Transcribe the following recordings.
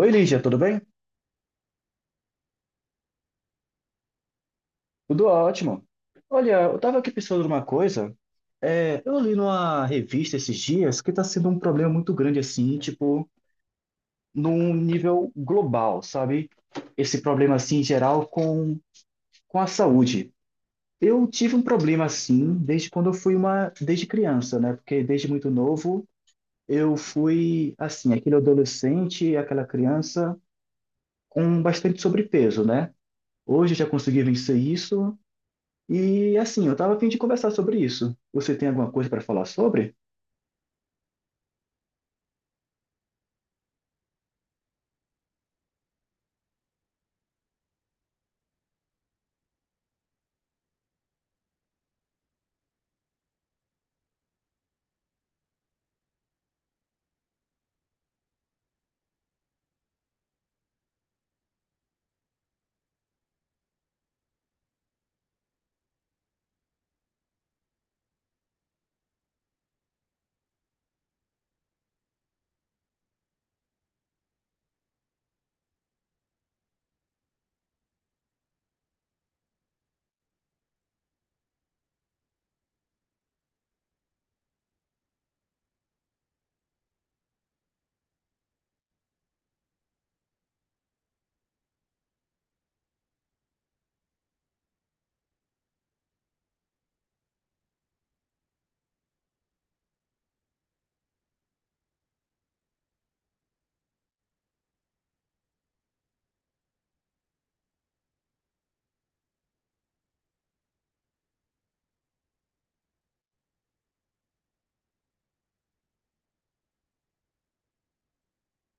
Oi, Lígia, tudo bem? Tudo ótimo. Olha, eu estava aqui pensando numa coisa. É, eu li numa revista esses dias que está sendo um problema muito grande, assim, tipo, num nível global, sabe? Esse problema, assim, em geral, com a saúde. Eu tive um problema, assim, desde quando eu fui uma... Desde criança, né? Porque desde muito novo, eu fui, assim, aquele adolescente, aquela criança com bastante sobrepeso, né? Hoje eu já consegui vencer isso. E assim, eu estava a fim de conversar sobre isso. Você tem alguma coisa para falar sobre?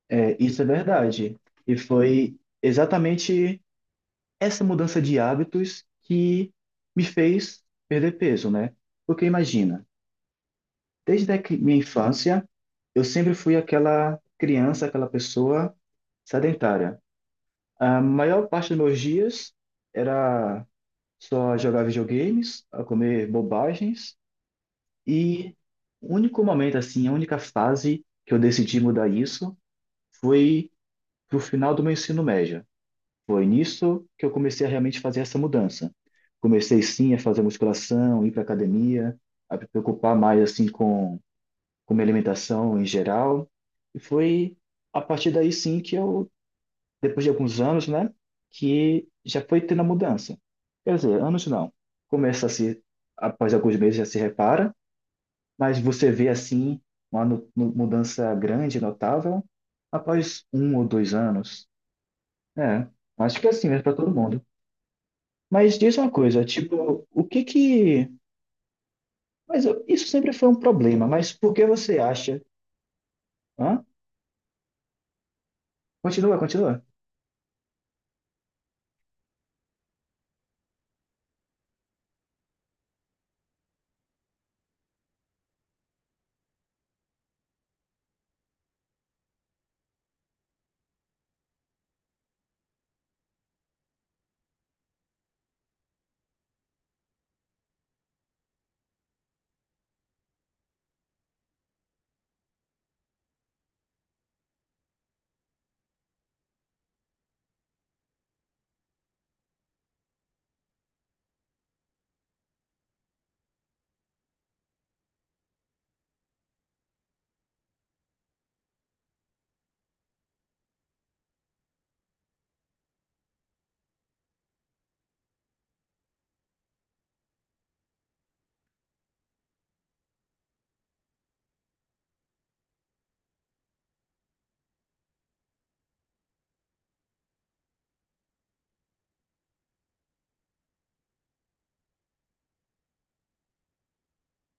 É, isso é verdade. E foi exatamente essa mudança de hábitos que me fez perder peso, né? Porque imagina, desde minha infância, eu sempre fui aquela criança, aquela pessoa sedentária. A maior parte dos meus dias era só jogar videogames, a comer bobagens. E o único momento, assim, a única fase que eu decidi mudar isso foi pro final do meu ensino médio. Foi nisso que eu comecei a realmente fazer essa mudança. Comecei, sim, a fazer musculação, ir para academia, a me preocupar mais, assim, com minha alimentação em geral. E foi a partir daí, sim, que eu, depois de alguns anos, né, que já foi tendo a mudança. Quer dizer, anos não. Começa a se, após alguns meses já se repara, mas você vê assim uma mudança grande, notável, após um ou dois anos. É, acho que é assim mesmo para todo mundo. Mas diz uma coisa, tipo, o que que. Mas isso sempre foi um problema, mas por que você acha? Hã? Continua, continua.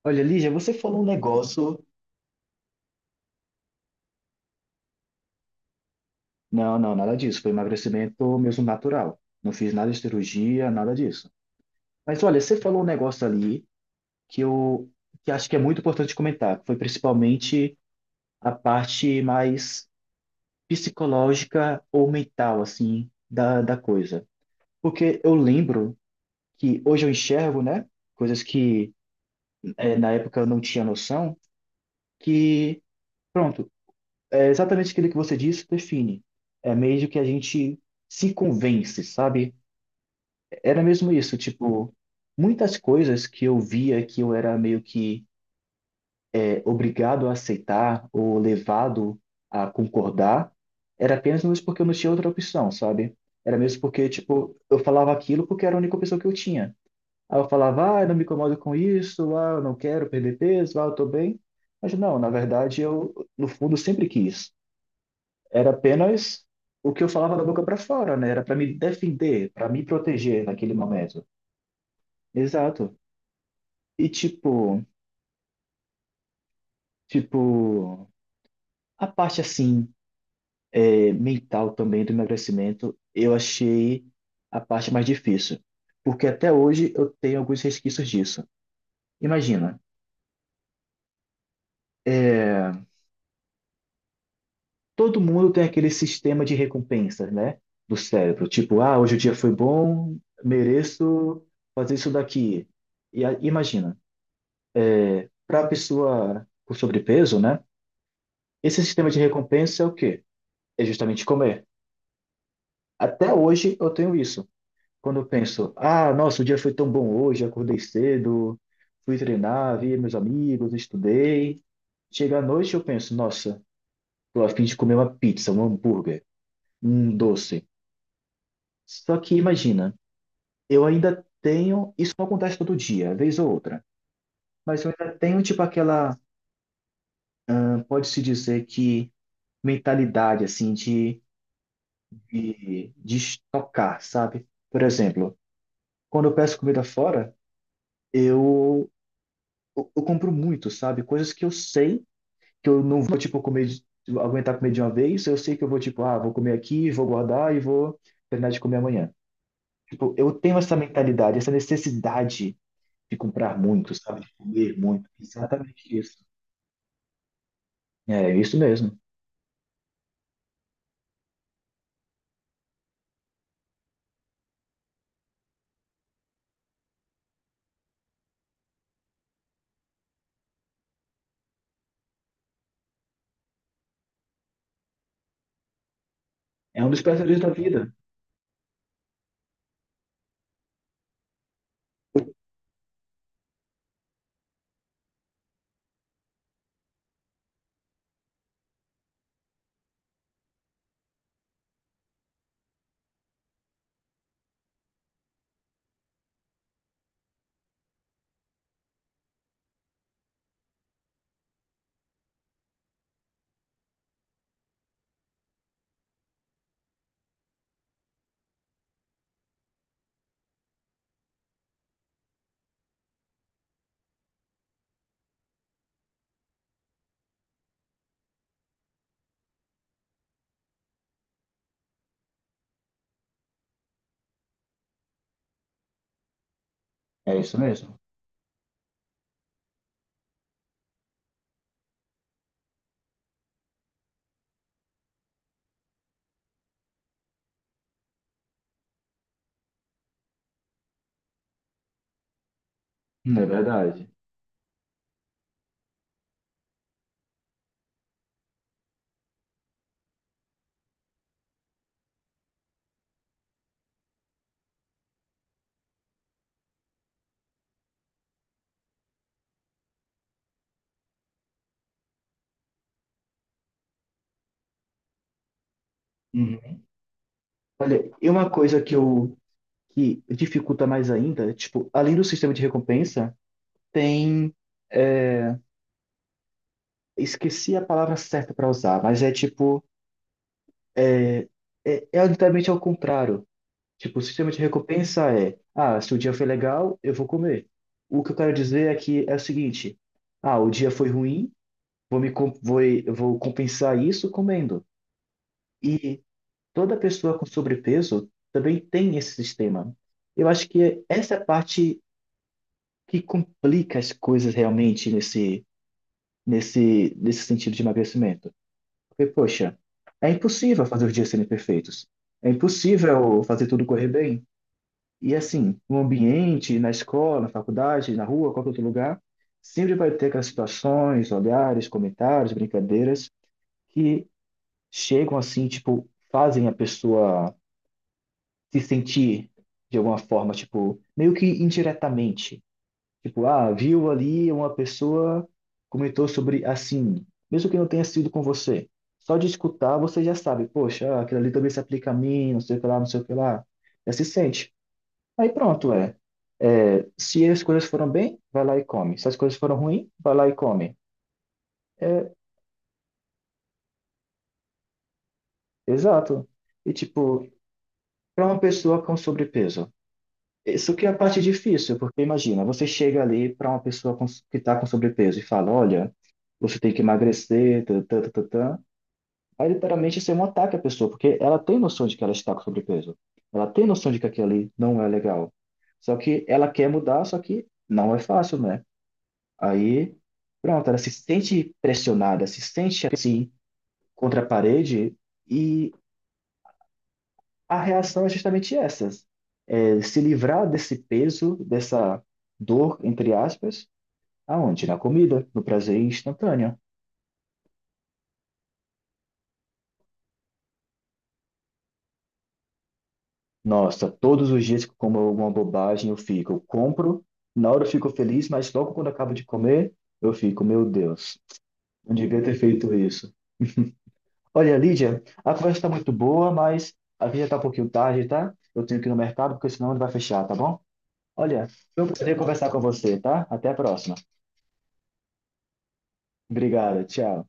Olha, Lígia, você falou um negócio. Não, não, nada disso. Foi emagrecimento mesmo natural. Não fiz nada de cirurgia, nada disso. Mas olha, você falou um negócio ali que eu que acho que é muito importante comentar, que foi principalmente a parte mais psicológica ou mental, assim, da coisa. Porque eu lembro que hoje eu enxergo, né, coisas que é, na época eu não tinha noção, que, pronto, é exatamente aquilo que você disse, define. É meio que a gente se convence, sabe? Era mesmo isso, tipo, muitas coisas que eu via que eu era meio que obrigado a aceitar ou levado a concordar, era apenas mesmo porque eu não tinha outra opção, sabe? Era mesmo porque, tipo, eu falava aquilo porque era a única opção que eu tinha. Aí eu falava, ah, eu não me incomodo com isso, ah, eu não quero perder peso, ah, eu tô bem. Mas não, na verdade, eu, no fundo, sempre quis. Era apenas o que eu falava da boca para fora, né? Era para me defender, para me proteger naquele momento. Exato. E, tipo, tipo, a parte assim mental também do emagrecimento, eu achei a parte mais difícil, porque até hoje eu tenho alguns resquícios disso. Imagina, é, todo mundo tem aquele sistema de recompensas, né, do cérebro, tipo, ah, hoje o dia foi bom, mereço fazer isso daqui. E imagina, para a pessoa com sobrepeso, né, esse sistema de recompensa é o quê? É justamente comer. Até hoje eu tenho isso. Quando eu penso, ah, nossa, o dia foi tão bom hoje, acordei cedo, fui treinar, vi meus amigos, estudei. Chega à noite eu penso, nossa, tô a fim de comer uma pizza, um hambúrguer, um doce. Só que imagina, eu ainda tenho, isso não acontece todo dia, vez ou outra, mas eu ainda tenho tipo aquela, pode-se dizer que mentalidade assim de estocar, sabe? Por exemplo, quando eu peço comida fora, eu, eu compro muito, sabe? Coisas que eu sei que eu não vou, tipo, comer, tipo, aguentar comer de uma vez, eu sei que eu vou, tipo, ah, vou comer aqui, vou guardar e vou terminar de comer amanhã. Tipo, eu tenho essa mentalidade, essa necessidade de comprar muito, sabe? De comer muito. Exatamente isso. É isso mesmo. É um dos prazeres da vida. É isso mesmo. Hum. É verdade. Uhum. Olha, e uma coisa que dificulta mais ainda, tipo, além do sistema de recompensa, tem, é, esqueci a palavra certa para usar, mas é tipo. É, é literalmente ao contrário. Tipo, o sistema de recompensa é, ah, se o dia foi legal, eu vou comer. O que eu quero dizer é que é o seguinte, ah, o dia foi ruim, vou me com- vou, vou compensar isso comendo. E toda pessoa com sobrepeso também tem esse sistema. Eu acho que essa é a parte que complica as coisas realmente nesse sentido de emagrecimento. Porque, poxa, é impossível fazer os dias serem perfeitos. É impossível fazer tudo correr bem. E assim, no ambiente, na escola, na faculdade, na rua, qualquer outro lugar, sempre vai ter aquelas situações, olhares, comentários, brincadeiras que chegam assim, tipo, fazem a pessoa se sentir de alguma forma, tipo, meio que indiretamente. Tipo, ah, viu ali uma pessoa comentou sobre assim, mesmo que não tenha sido com você. Só de escutar você já sabe, poxa, aquilo ali também se aplica a mim, não sei o que lá, não sei o que lá. Já se sente. Aí pronto, é. É, se as coisas foram bem, vai lá e come. Se as coisas foram ruim, vai lá e come. É, exato. E tipo, para uma pessoa com sobrepeso, isso que é a parte difícil, porque imagina, você chega ali para uma pessoa que está com sobrepeso e fala, olha, você tem que emagrecer, tã, tã, tã, tã, tã. Aí literalmente isso é um ataque à pessoa, porque ela tem noção de que ela está com sobrepeso. Ela tem noção de que aquilo ali não é legal. Só que ela quer mudar, só que não é fácil, né? Aí, pronto, ela se sente pressionada, se sente assim, contra a parede, e a reação é justamente essa: é se livrar desse peso, dessa dor, entre aspas, aonde? Na comida, no prazer instantâneo. Nossa, todos os dias que eu como alguma bobagem, eu fico, eu compro, na hora eu fico feliz, mas logo quando eu acabo de comer, eu fico, meu Deus, não devia ter feito isso. Olha, Lídia, a conversa está muito boa, mas a gente já está um pouquinho tarde, tá? Eu tenho que ir no mercado, porque senão ele vai fechar, tá bom? Olha, eu prazer conversar com você, tá? Até a próxima. Obrigado, tchau.